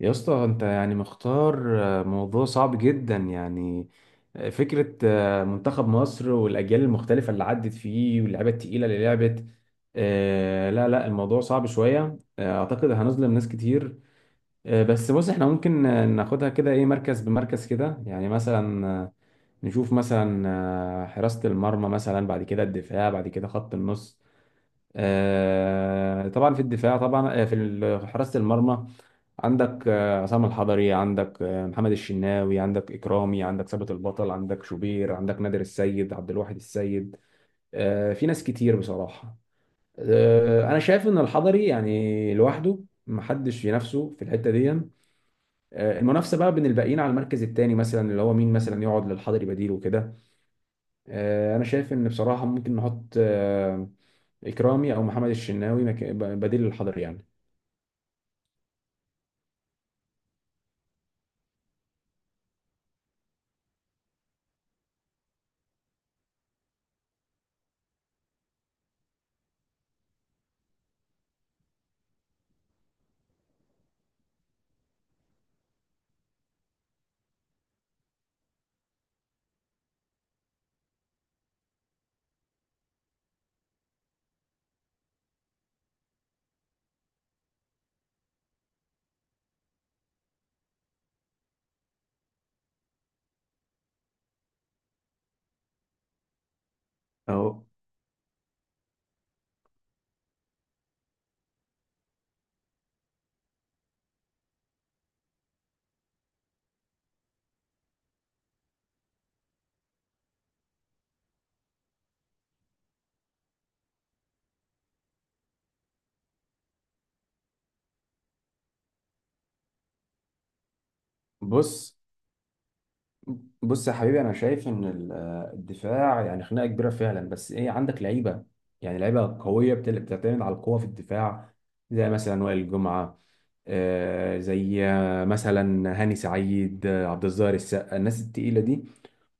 يا اسطى انت يعني مختار، موضوع صعب جدا يعني. فكرة، منتخب مصر والأجيال المختلفة اللي عدت فيه واللعيبة التقيلة اللي لعبت. لا لا، الموضوع صعب شوية. أعتقد هنظلم ناس كتير. بس بص، احنا ممكن ناخدها كده، ايه، مركز بمركز كده يعني، مثلا نشوف مثلا حراسة المرمى، مثلا بعد كده الدفاع، بعد كده خط النص. طبعا في الدفاع طبعا، في حراسة المرمى. عندك عصام الحضري، عندك محمد الشناوي، عندك إكرامي، عندك ثابت البطل، عندك شوبير، عندك نادر السيد، عبد الواحد السيد. في ناس كتير بصراحة. أنا شايف إن الحضري يعني لوحده، محدش ينافسه في الحتة دي. المنافسة بقى بين الباقيين على المركز التاني، مثلا اللي هو مين مثلا يقعد للحضري بديل وكده. أنا شايف إن بصراحة ممكن نحط إكرامي أو محمد الشناوي بديل للحضري يعني. اهو. بص، يا حبيبي، انا شايف ان الدفاع يعني خناقه كبيره فعلا، بس ايه، عندك لعيبه، يعني لعيبه قويه، بتعتمد على القوه في الدفاع، زي مثلا وائل جمعه، زي مثلا هاني سعيد، عبد الظاهر السقا، الناس التقيله دي.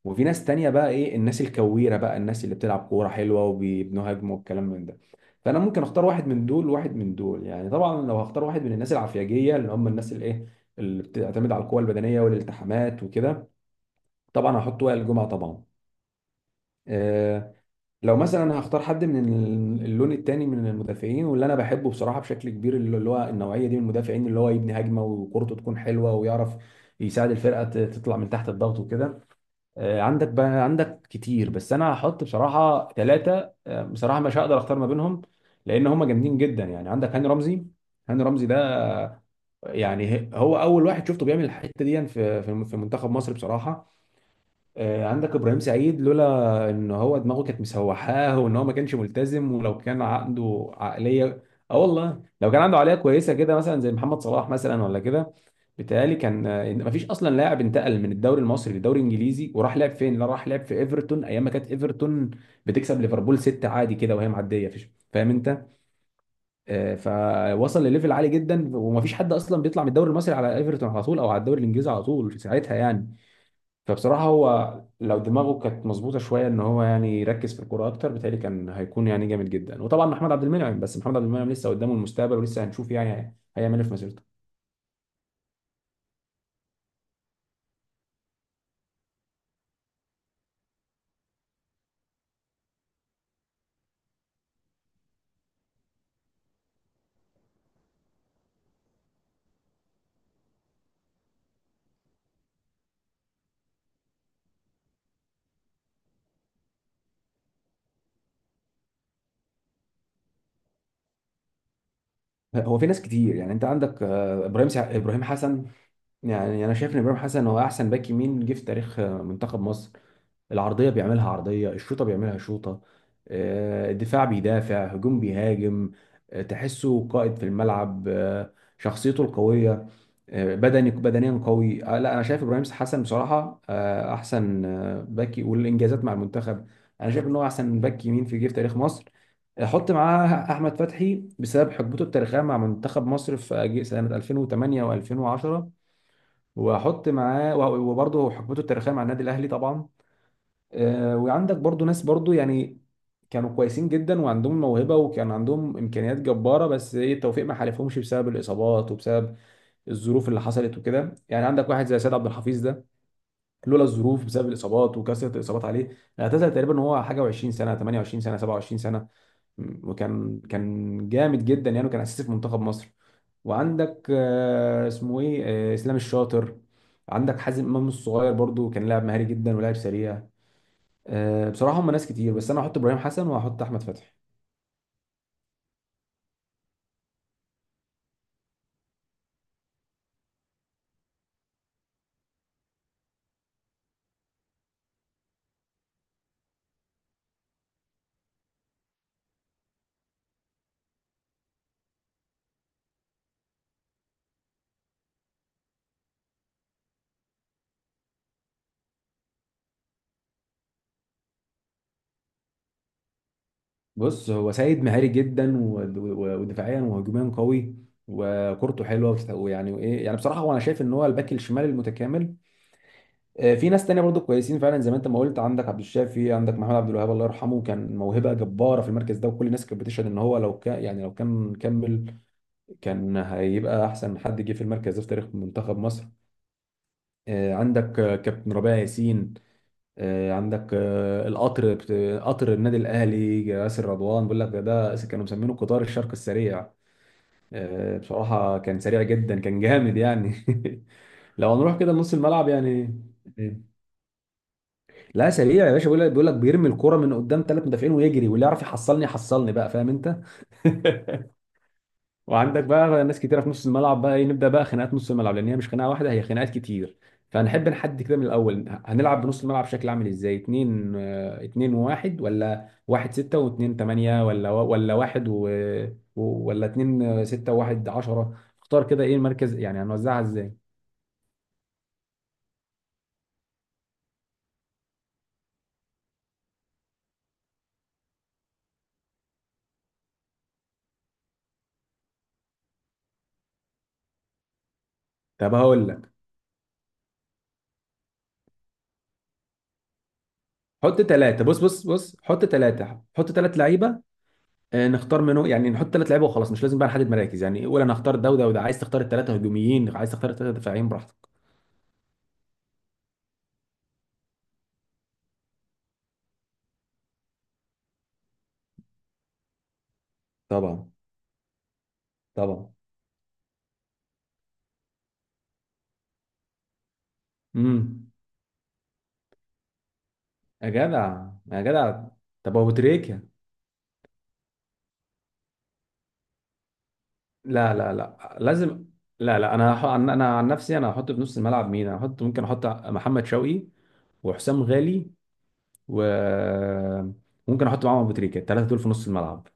وفي ناس تانية بقى، ايه، الناس الكويره بقى، الناس اللي بتلعب كوره حلوه وبيبنوا هجمه والكلام من ده. فانا ممكن اختار واحد من دول وواحد من دول يعني، طبعا لو هختار واحد من الناس العفياجيه اللي هم الناس اللي ايه، اللي بتعتمد على القوه البدنيه والالتحامات وكده، طبعا هحط وائل الجمعه طبعا. آه لو مثلا هختار حد من اللون التاني من المدافعين، واللي انا بحبه بصراحه بشكل كبير، اللي هو النوعيه دي من المدافعين، اللي هو يبني هجمه وكورته تكون حلوه ويعرف يساعد الفرقه تطلع من تحت الضغط وكده. عندك بقى، عندك كتير، بس انا هحط بصراحه ثلاثه، بصراحه مش هقدر اختار ما بينهم، لان هم جامدين جدا يعني. عندك هاني رمزي، هاني رمزي ده يعني هو اول واحد شفته بيعمل الحته دي في منتخب مصر بصراحه. عندك ابراهيم سعيد، لولا ان هو دماغه كانت مسوحاه وان هو ما كانش ملتزم، ولو كان عنده عقليه، اه والله، لو كان عنده عقليه كويسه كده مثلا زي محمد صلاح مثلا ولا كده، بيتهيألي كان، ما فيش اصلا لاعب انتقل من الدوري المصري للدوري الانجليزي وراح لعب فين؟ لا، راح لعب في ايفرتون ايام ما كانت ايفرتون بتكسب ليفربول ستة عادي كده وهي معديه، فيش، فاهم انت؟ آه، فوصل لليفل عالي جدا، وما فيش حد اصلا بيطلع من الدوري المصري على ايفرتون على طول، او على الدوري الانجليزي على طول في ساعتها يعني. فبصراحة هو لو دماغه كانت مظبوطة شوية ان هو يعني يركز في الكورة اكتر، بتهيألي كان هيكون يعني جامد جدا. وطبعا محمد عبد المنعم، بس محمد عبد المنعم لسه قدامه المستقبل، ولسه هنشوف يعني هيعمل ايه في مسيرته. هو في ناس كتير يعني، انت عندك ابراهيم حسن. يعني انا شايف ان ابراهيم حسن هو احسن باك يمين جه في تاريخ منتخب مصر. العرضية بيعملها عرضية، الشوطة بيعملها شوطة. الدفاع بيدافع، هجوم بيهاجم. تحسه قائد في الملعب، شخصيته القوية، بدني، بدنيا قوي. لا، أنا شايف إبراهيم حسن بصراحة أحسن باك، والإنجازات مع المنتخب، أنا شايف إن هو أحسن باك يمين في جه في تاريخ مصر. حط معاه أحمد فتحي بسبب حقبته التاريخية مع منتخب مصر في سنة 2008 و2010، وأحط معاه وبرضه حقبته التاريخية مع النادي الأهلي طبعا. وعندك برضو ناس برضو يعني كانوا كويسين جدا وعندهم موهبة وكان عندهم إمكانيات جبارة، بس إيه، التوفيق ما حالفهمش بسبب الإصابات وبسبب الظروف اللي حصلت وكده يعني. عندك واحد زي سيد عبد الحفيظ ده، لولا الظروف، بسبب الإصابات وكثرة الإصابات عليه اعتزل تقريبا وهو حاجة و20 سنة، 28 سنة، 27 سنة. وكان جامد جدا يعني، وكان أساسي في منتخب مصر. وعندك اسمه إيه، إسلام الشاطر. عندك حازم إمام الصغير برضو، كان لاعب مهاري جدا ولاعب سريع. بصراحة هم ناس كتير، بس أنا هحط إبراهيم حسن وهحط أحمد فتحي. بص، هو سيد مهاري جدا ودفاعيا وهجوميا قوي، وكورته حلوة، ويعني، وإيه يعني، بصراحة هو أنا شايف إن هو الباك الشمال المتكامل. في ناس تانية برضو كويسين فعلا زي ما أنت ما قلت. عندك عبد الشافي، عندك محمد عبد الوهاب الله يرحمه، كان موهبة جبارة في المركز ده، وكل الناس كانت بتشهد إن هو لو كان يعني لو كان كمل، كان هيبقى أحسن حد جه في المركز ده في تاريخ منتخب مصر. عندك كابتن ربيع ياسين. عندك قطر النادي الاهلي، ياسر رضوان بيقول لك ده كانوا مسمينه قطار الشرق السريع. بصراحه كان سريع جدا، كان جامد يعني. لو هنروح كده لنص الملعب يعني، لا سريع يا باشا، بيقول لك بيرمي الكرة من قدام ثلاث مدافعين ويجري، واللي يعرف يحصلني، يحصلني بقى، فاهم انت؟ وعندك بقى ناس كتيره في نص الملعب بقى، ايه، نبدا بقى خناقات نص الملعب، لان هي مش خناقه واحده، هي خناقات كتير. فهنحب نحدد كده من الاول، هنلعب بنص الملعب بشكل عامل ازاي، اتنين اتنين وواحد، ولا واحد ستة واتنين تمانية، ولا واحد و... ولا اتنين ستة وواحد عشرة. اختار كده ايه المركز يعني، هنوزعها ازاي؟ طب هقول لك، حط ثلاثة، بص، بص حط ثلاثة، حط ثلاث لعيبة. نختار منه يعني، نحط ثلاث لعيبة وخلاص، مش لازم بقى نحدد مراكز يعني، قول انا هختار ده وده وده، عايز تختار الثلاثة هجوميين، عايز تختار الثلاثة دفاعيين، براحتك. طبعا. طبعا. امم يا جدع يا جدع، طب ابو تريكه؟ لا لا لا، لازم. لا لا، انا انا عن نفسي، انا هحط في نص الملعب مين، انا هحط، ممكن احط محمد شوقي وحسام غالي و ممكن احط معاهم ابو تريكه، الثلاثه دول في نص الملعب.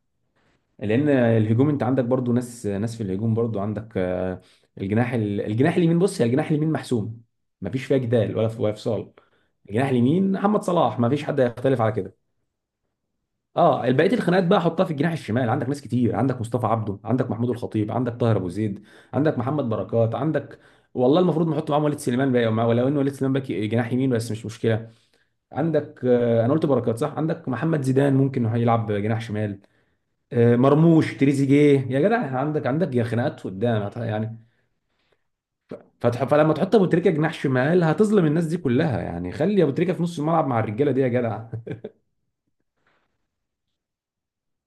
لان الهجوم، انت عندك برضو ناس في الهجوم برضو، عندك الجناح الجناح اليمين، بص يا، الجناح اليمين محسوم، مفيش فيها جدال ولا فصال. الجناح اليمين محمد صلاح، مفيش حد هيختلف على كده. اه، بقيه الخناقات بقى حطها في الجناح الشمال، عندك ناس كتير، عندك مصطفى عبده، عندك محمود الخطيب، عندك طاهر ابو زيد، عندك محمد بركات، عندك، والله المفروض نحط معاهم وليد سليمان بقى، ولو ان وليد سليمان باك جناح يمين، بس مش مشكله. عندك انا قلت بركات صح، عندك محمد زيدان ممكن إنه يلعب جناح شمال. مرموش، تريزيجيه، يا جدع، عندك يا خناقات قدام، يعني، فتح، فلما تحط ابو تريكه جناح شمال هتظلم الناس دي كلها يعني، خلي ابو تريكه في نص الملعب مع الرجاله دي يا جدع.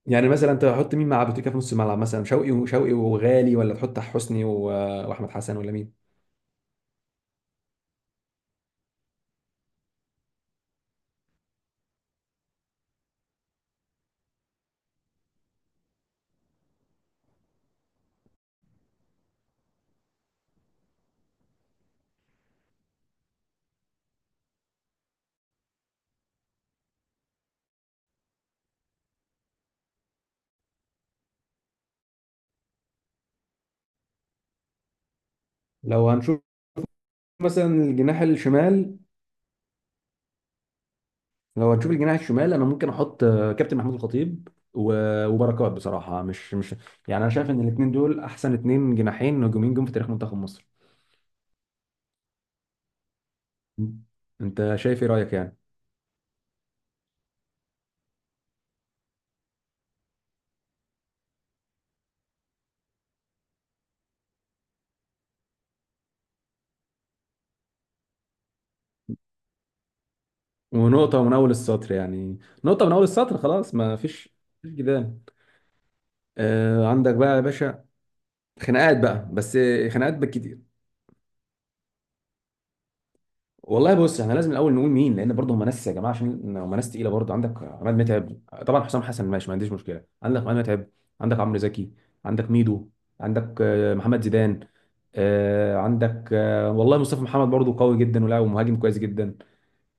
يعني مثلا انت هتحط مين مع ابو تريكه في نص الملعب؟ مثلا شوقي وغالي، ولا تحط حسني واحمد حسن، ولا مين؟ لو هنشوف مثلا الجناح الشمال، لو هنشوف الجناح الشمال، انا ممكن احط كابتن محمود الخطيب وبركات بصراحه، مش يعني، انا شايف ان الاثنين دول احسن اثنين جناحين هجوميين جم في تاريخ منتخب مصر. انت شايف، ايه رايك يعني؟ ونقطه من اول السطر يعني، نقطه من اول السطر، خلاص ما فيش، مفيش جدال. عندك بقى يا باشا خناقات بقى، بس خناقات بالكتير. والله بص احنا لازم الاول نقول مين، لان برضه هم ناس يا جماعه، عشان هم ناس تقيله برضه. عندك عماد متعب، طبعا حسام حسن، ماشي، ما عنديش مشكله، عندك عماد متعب، عندك عمرو زكي، عندك ميدو، عندك محمد زيدان، عندك والله مصطفى محمد برضه قوي جدا، ولاعب مهاجم كويس جدا.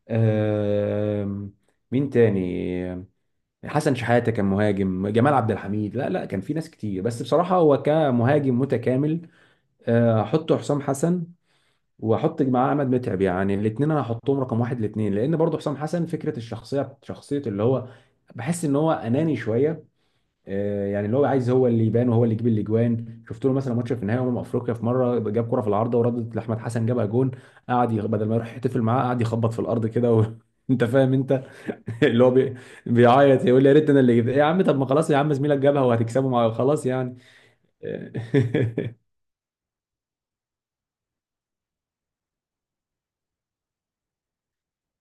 آه، مين تاني؟ حسن شحاته كان مهاجم، جمال عبد الحميد، لا لا كان في ناس كتير، بس بصراحه هو كمهاجم متكامل. حطه حسام حسن، واحط معاه عماد متعب، يعني الاثنين انا هحطهم رقم واحد الاثنين، لان برضو حسام حسن فكره الشخصيه، شخصيه اللي هو بحس ان هو اناني شويه. يعني اللي هو عايز هو اللي يبان وهو اللي يجيب الاجوان. شفت له مثلا ماتش في نهائي افريقيا، في مره جاب كره في العارضه وردت لاحمد حسن جابها جون. بدل ما يروح يحتفل معاه قعد يخبط في الارض كده و... انت فاهم انت؟ اللي هو بي... بيعيط يقول لي يا ريت انا اللي جبت، إيه يا عم، طب ما خلاص يا عم، زميلك جابها وهتكسبه مع، خلاص يعني.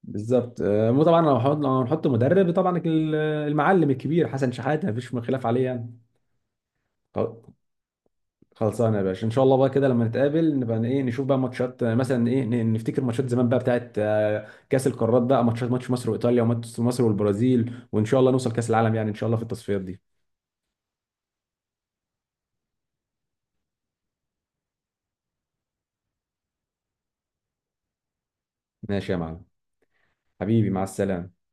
بالظبط. طبعا، لو هنحط مدرب، طبعا المعلم الكبير حسن شحاته، مفيش خلاف عليه يعني. خل- خلصانه يا باشا، ان شاء الله بقى كده لما نتقابل نبقى، ايه، نشوف بقى ماتشات مثلا، ايه، نفتكر ماتشات زمان بقى بتاعت كاس القارات بقى، ماتشات، ماتش مصر وايطاليا، وماتش مصر والبرازيل، وان شاء الله نوصل كاس العالم يعني، ان شاء الله في التصفيات دي. ماشي يا معلم. حبيبي، مع السلامه.